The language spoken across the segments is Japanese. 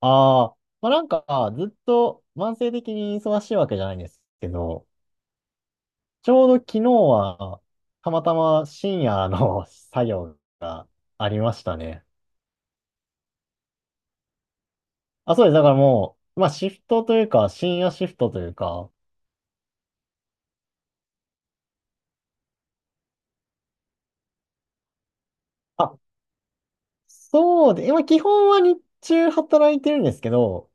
ああ、まあなんか、ずっと慢性的に忙しいわけじゃないんですけど、ちょうど昨日は、たまたま深夜の 作業がありましたね。あ、そうです。だからもう、まあシフトというか、深夜シフトというか。あ、そうで、今基本は日中働いてるんですけど、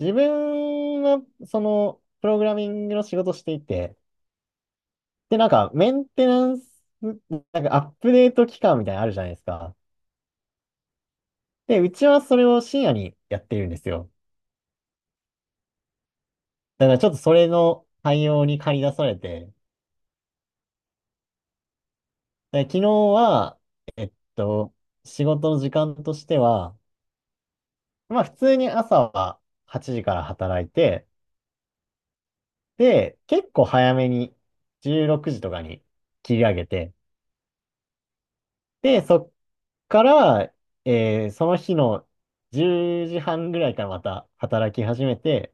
自分は、その、プログラミングの仕事していて、で、なんか、メンテナンス、なんかアップデート期間みたいなのあるじゃないですか。で、うちはそれを深夜にやってるんですよ。だからちょっとそれの対応に駆り出されて、で昨日は、えっと、仕事の時間としては、まあ普通に朝は8時から働いて、で、結構早めに16時とかに切り上げて、で、そっから、その日の10時半ぐらいからまた働き始めて、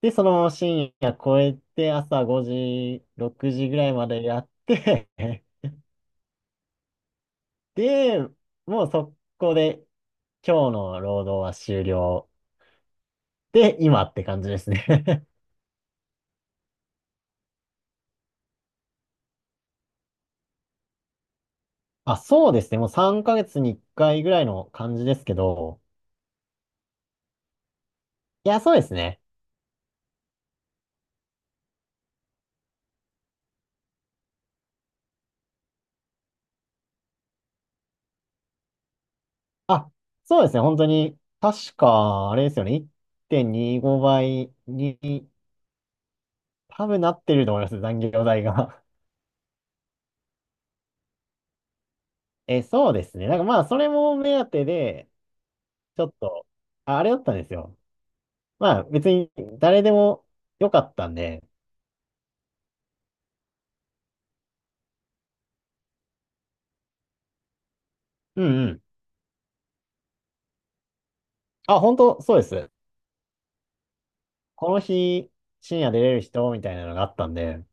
で、そのまま深夜超えて、朝5時、6時ぐらいまでやって で、もう速攻で今日の労働は終了。で、今って感じですね あ、そうですね。もう3ヶ月に1回ぐらいの感じですけど。いや、そうですね。あ、そうですね。本当に、確か、あれですよね。1.25倍にごばいに多分なってると思います。残業代が え、そうですね。なんかまあ、それも目当てで、ちょっと、ああれだったんですよ。まあ別に誰でもよかったんで。うんうん。あ、本当そうです。この日、深夜出れる人みたいなのがあったんで。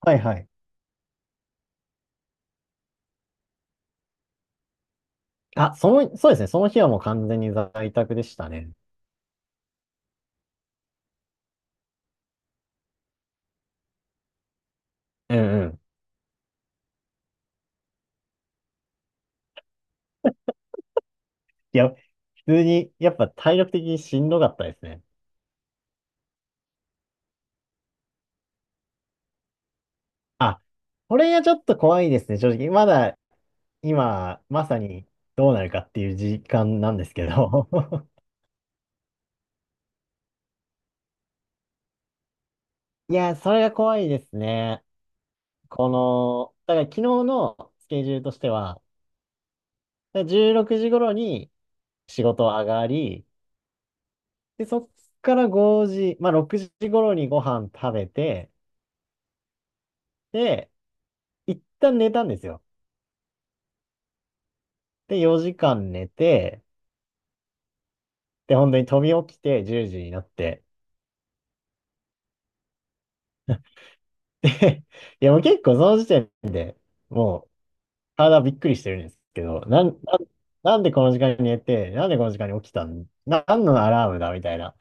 はいはい。あ、その、そうですね。その日はもう完全に在宅でしたね。うんうん。いや、普通に、やっぱ体力的にしんどかったですね。あ、これがちょっと怖いですね、正直。まだ、今、まさにどうなるかっていう時間なんですけど。いや、それが怖いですね。この、だから昨日のスケジュールとしては、だから16時頃に仕事上がり、で、そっから5時、まあ6時頃にご飯食べて、で、一旦寝たんですよ。で、4時間寝て、で、本当に飛び起きて10時になって、で、いやもう結構その時点でもう体びっくりしてるんですけど、なんでこの時間に寝て、なんでこの時間に起きたん、なんのアラームだみたいな。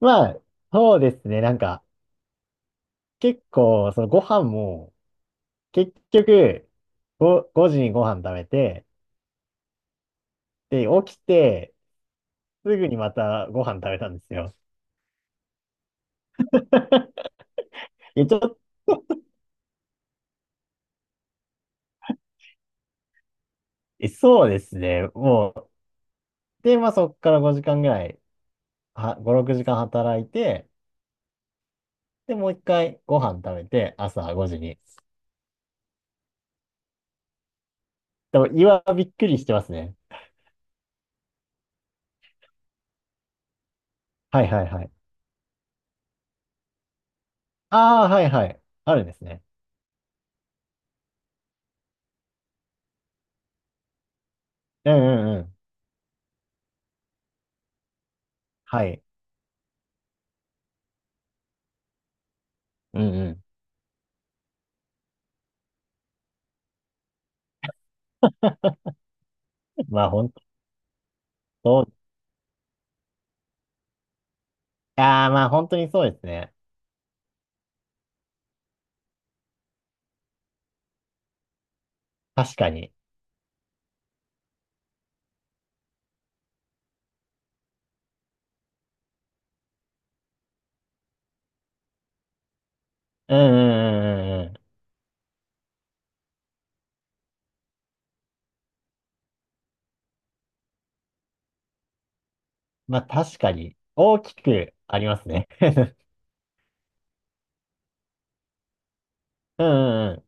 まあ、そうですね。なんか、結構、そのご飯も、結局、5時にご飯食べて、で、起きて、すぐにまたご飯食べたんですよ。ちょっと、そうですね。もう、で、まあそこから5時間ぐらい、は、5、6時間働いて、で、もう一回ご飯食べて、朝5時に。でも、胃はびっくりしてますね。はいはいはい。ああ、はいはい。あるんですね。うんうんうん。はい。うんうん。まあ本当、ああ、まあ本当にそうですね。確かに。うんうんうんうんうん。まあ確かに、大きくありますね。うんうんうん。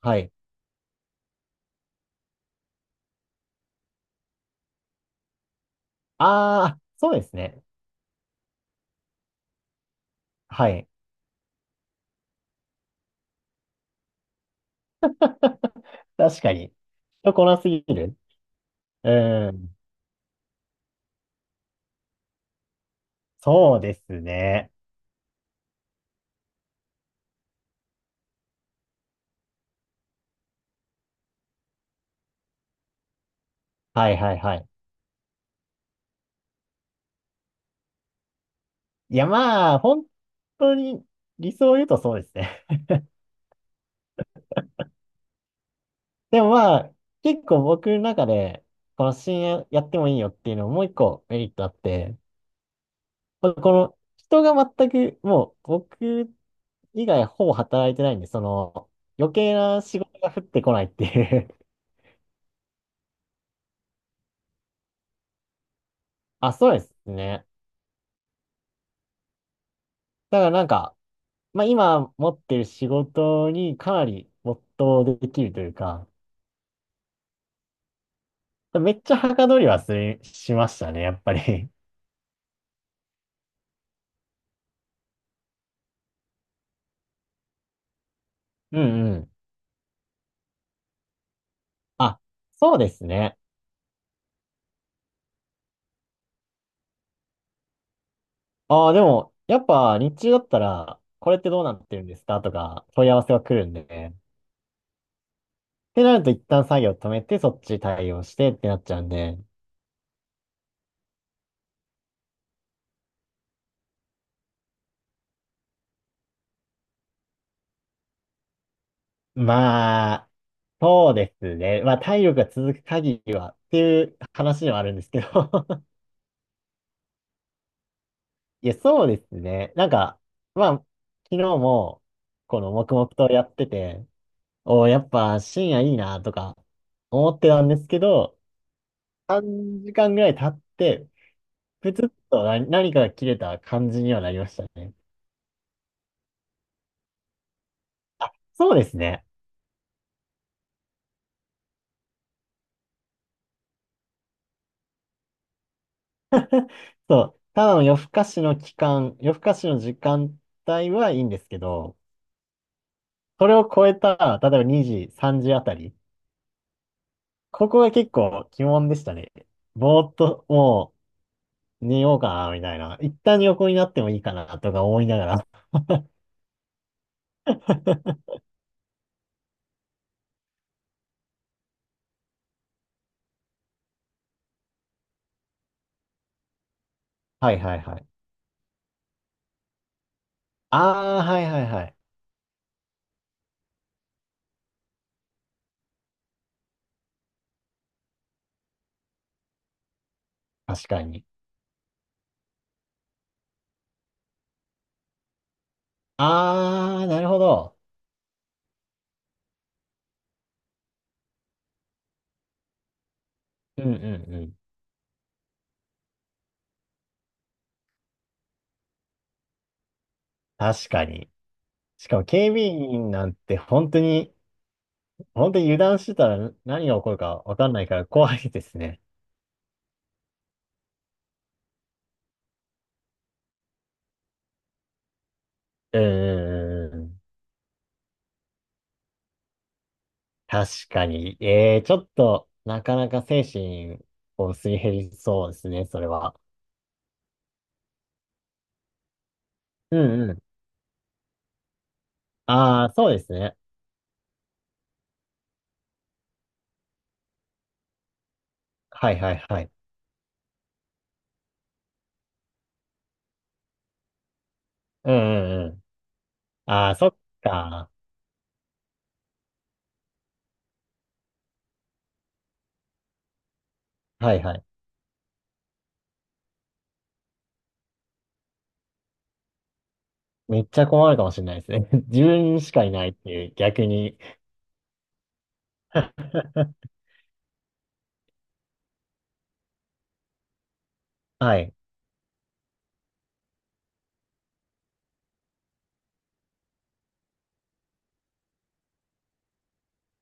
はい。ああ、そうですね。はい。確かに。人こなすぎる。うん。そうですね。はいはいはい。いやまあ、本当に理想を言うとそうですね。でもまあ、結構僕の中で、この深夜やってもいいよっていうのももう一個メリットあって、まあこの人が全く、もう僕以外ほぼ働いてないんで、その余計な仕事が降ってこないっていう あ、そうですね。だからなんか、まあ今持ってる仕事にかなり没頭できるというか、めっちゃはかどりはする、しましたね、やっぱり。うんうん。あ、そうですね。ああ、でも、やっぱ日中だったら、これってどうなってるんですかとか問い合わせは来るんで。ってなると一旦作業止めて、そっち対応してってなっちゃうんで。まあ、そうですね。まあ、体力が続く限りはっていう話ではあるんですけど いや、そうですね。なんか、まあ、昨日も、この黙々とやってて、おおやっぱ深夜いいなとか思ってたんですけど、3時間ぐらい経って、プツッと何かが切れた感じにはなりましたね。あ、そうですね。そう、ただの夜更かしの時間帯はいいんですけど、それを超えた、例えば2時、3時あたり、ここが結構鬼門でしたね。ぼーっともう寝ようかな、みたいな。一旦横になってもいいかな、とか思いながら。はいはいはい。ああ、はいはいはい。確かに。ああ、なるほど。うんうんうん。確かに。しかも警備員なんて本当に、本当に油断してたら何が起こるかわかんないから怖いですね。うーん。確かに。ちょっと、なかなか精神をすり減りそうですね、それは。うんうん。ああ、そうですね。はいはいはい。うんうんうん。ああ、そっか。はいはい。めっちゃ困るかもしれないですね。自分しかいないっていう、逆に。はい。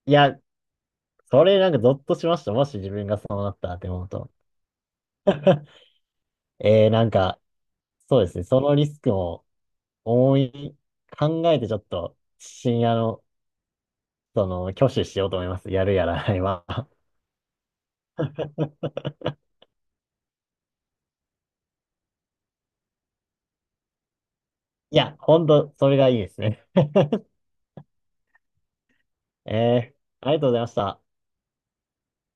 いや、それなんかゾッとしました。もし自分がそうなったって思うと。なんか、そうですね。そのリスクを思い、考えてちょっと、深夜のその、挙手しようと思います。やるやらないは。いや、ほんと、それがいいですね。えー、ありがとうございました。